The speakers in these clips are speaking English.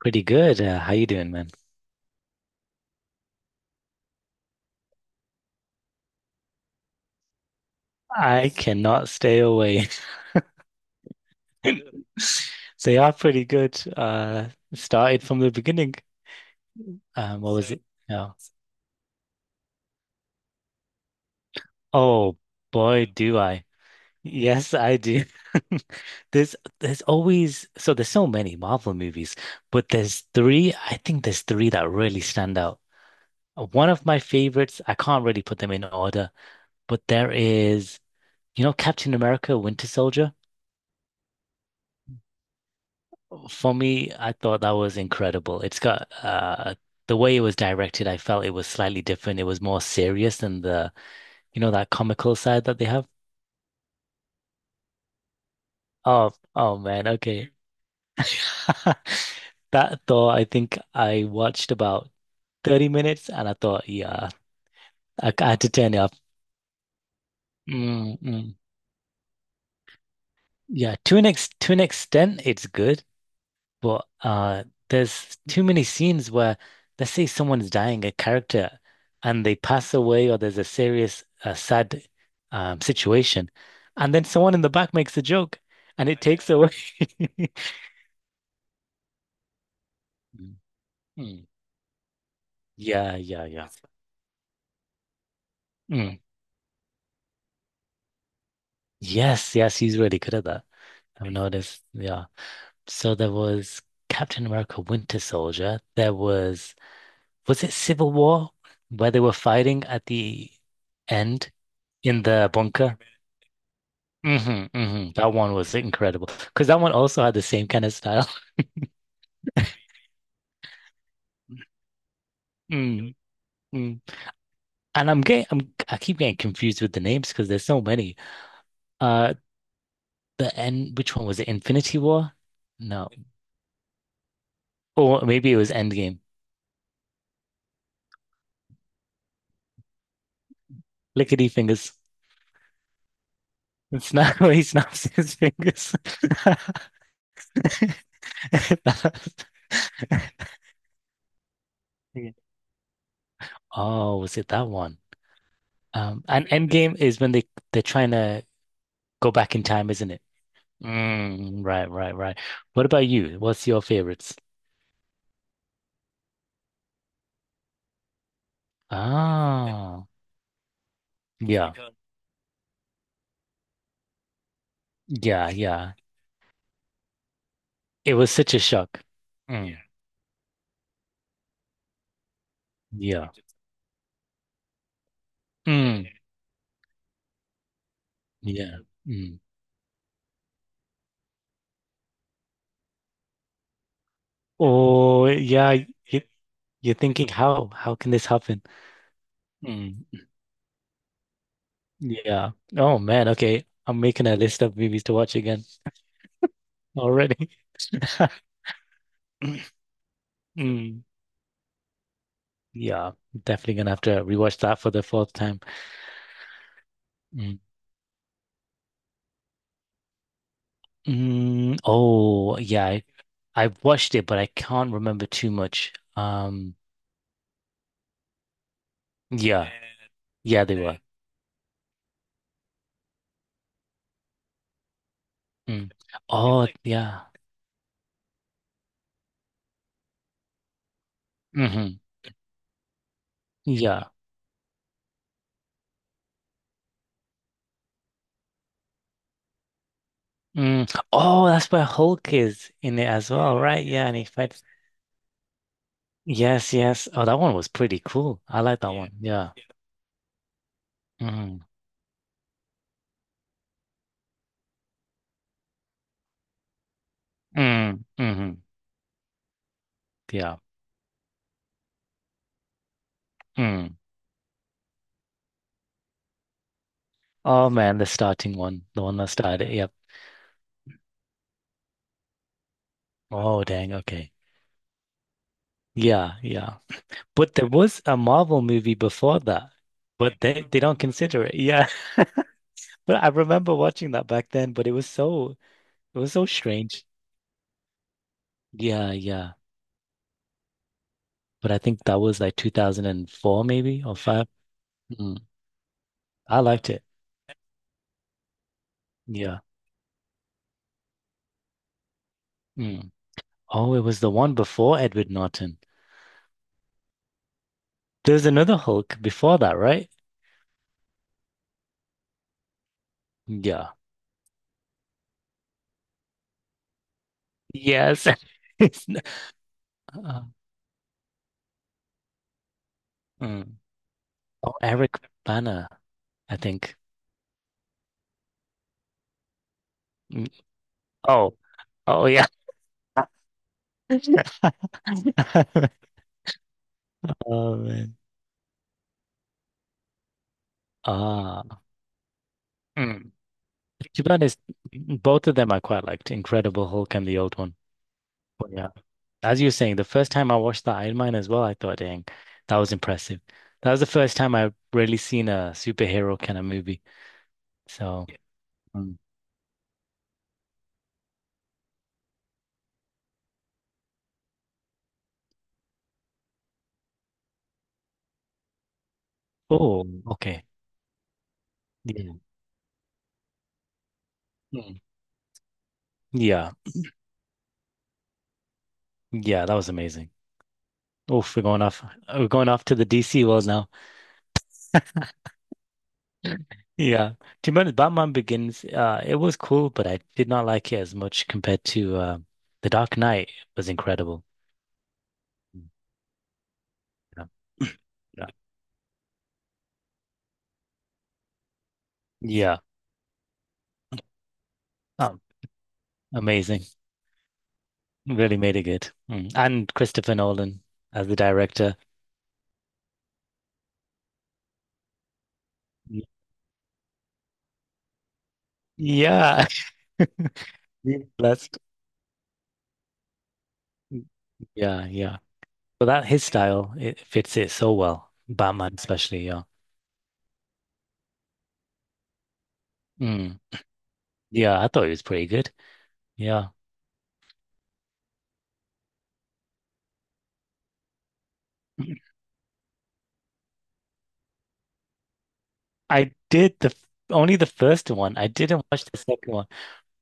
Pretty good. How you doing, man? I cannot stay away. They are pretty good. Started from the beginning. What was So, it? No. Oh boy, do I. Yes, I do. There's always so many Marvel movies, but there's three, I think there's three that really stand out. One of my favorites, I can't really put them in order, but there is, you know, Captain America, Winter Soldier. For me, I thought that was incredible. It's got the way it was directed, I felt it was slightly different. It was more serious than the, you know, that comical side that they have. Oh, oh man, okay. That though, I think I watched about 30 minutes and I thought, yeah, I had to turn it off. Mm, mm. Yeah, to an extent, it's good. But there's too many scenes where, let's say, someone's dying, a character, and they pass away, or there's a serious, sad situation, and then someone in the back makes a joke, and it takes away. Mm. Mm. Yeah, yeah, yeah. Mm. Yes, yes, he's really good at that. I've noticed. Yeah. So there was Captain America Winter Soldier. There was it Civil War where they were fighting at the end in the bunker? Hmm. Hmm. That one was incredible because that one also had the same kind of style. Mm. Mm. And I keep getting confused with the names because there's so many. Uh, the end, which one was it? Infinity War? No, or maybe it was Endgame. Lickety fingers. It's not where he snaps his fingers. Oh, was it that one? And Endgame is when they're trying to go back in time, isn't it? Mm, right, right, right. What about you? What's your favorites? Ah, yeah, yeah, yeah. It was such a shock. Mm, yeah, mm, yeah. Mm. Oh, yeah. You, you're thinking how can this happen? Mm, yeah. Oh man. Okay, I'm making a list of movies to watch again already. Mm, yeah, definitely gonna have to rewatch that for the fourth time. Mm. Mm, oh, yeah. I've watched it, but I can't remember too much. Yeah, and yeah, they were. Mm, it's oh, like, yeah. Hmm. Yeah. Mm. Oh, that's where Hulk is in it as well, yeah, right? Yeah, yeah, and he fights. Yes, yes. Oh, that one was pretty cool. I like that yeah. one. Yeah. Mm. Mm. Hmm. Yeah. Mm. Oh man, the starting one, the one that started. Yep. Oh dang. Okay. Yeah. Yeah. But there was a Marvel movie before that, but they don't consider it. Yeah. But I remember watching that back then, but it was so strange. Yeah, yeah. But I think that was like 2004 maybe or five. Mm. I liked it. Yeah. Mm. Oh, it was the one before Edward Norton. There was another Hulk before that, right? Yeah. Yes. It's n- uh, mm. Oh, Eric Banner, I think. Mm. Oh, oh yeah. Oh man. Ah. Mm. To be honest, both of them I quite liked, Incredible Hulk and the old one. But yeah, as you were saying, the first time I watched the Iron Man as well, I thought, dang, that was impressive. That was the first time I've really seen a superhero kind of movie. So, mm. Oh, okay. Yeah. Mm. Yeah. Yeah, that was amazing. Oof, we're going off. We're going off to the DC world now. Yeah. To be honest, Batman Begins, it was cool, but I did not like it as much compared to the Dark Knight was incredible. Mm. Yeah. Yeah. Yeah. Um, amazing. Really made it good. Mm. And Christopher Nolan as the director. Y- Yeah. Being Blessed. Yeah, yeah. But that his style, it fits it so well. Batman especially, yeah. Mm. Yeah, I thought it was pretty good. Yeah. I did the f- only the first one. I didn't watch the second one.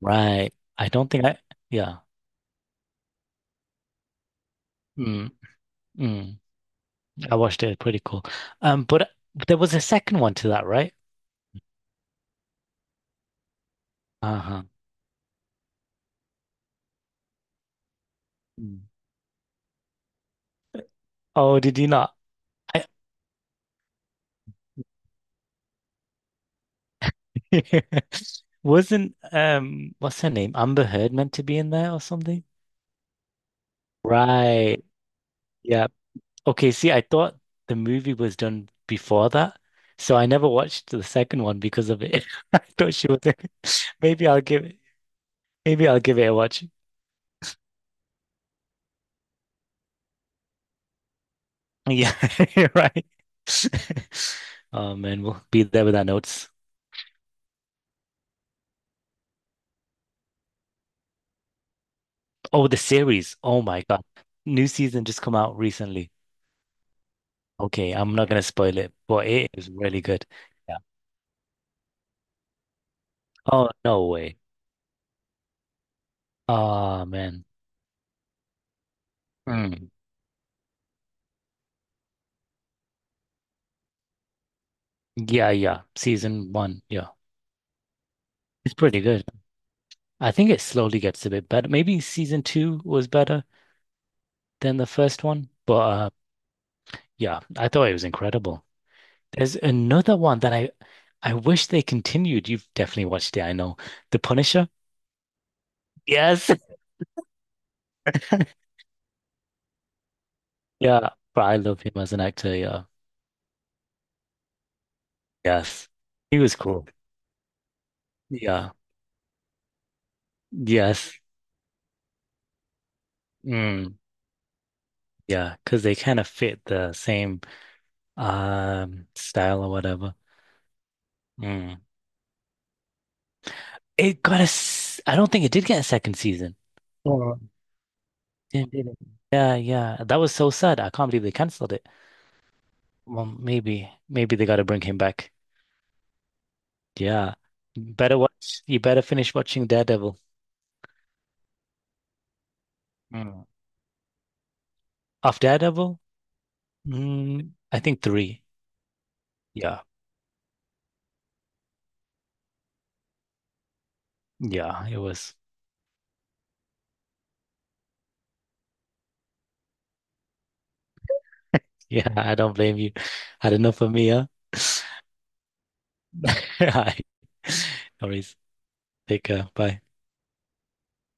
Right. I don't think I yeah. Mm, mm. I watched it. Pretty cool. But there was a second one to that, right? Uh-huh. Mm. Oh, did you not? I, wasn't what's her name? Amber Heard meant to be in there or something? Right. Yeah. Okay, see, I thought the movie was done before that, so I never watched the second one because of it. I thought she was in it. Maybe I'll give it a watch. Yeah, you're right. Oh man, we'll be there with our notes. Oh, the series. Oh my God. New season just come out recently. Okay, I'm not gonna spoil it, but it is really good. Yeah. Oh, no way. Ah man. Mm. Yeah, yeah. Season one. Yeah. It's pretty good. I think it slowly gets a bit better. Maybe season two was better than the first one, but yeah, I thought it was incredible. There's another one that I wish they continued. You've definitely watched it, I know. The Punisher. Yes. Yeah, but I love him as an actor. Yeah. Yes. He was cool. Yeah. Yes. Mm, yeah. Because they kind of fit the same style or whatever. Mm. It got a s I don't think it did get a second season. Oh, Didn't- didn't. Yeah, yeah. That was so sad. I can't believe they canceled it. Well, maybe they got to bring him back. Yeah. Better finish watching Daredevil. Mm. Of Daredevil? Mm, I think three. Yeah. Yeah, it was. Yeah, I don't blame you. Had enough of me, huh? All right. No worries. Take care. Bye.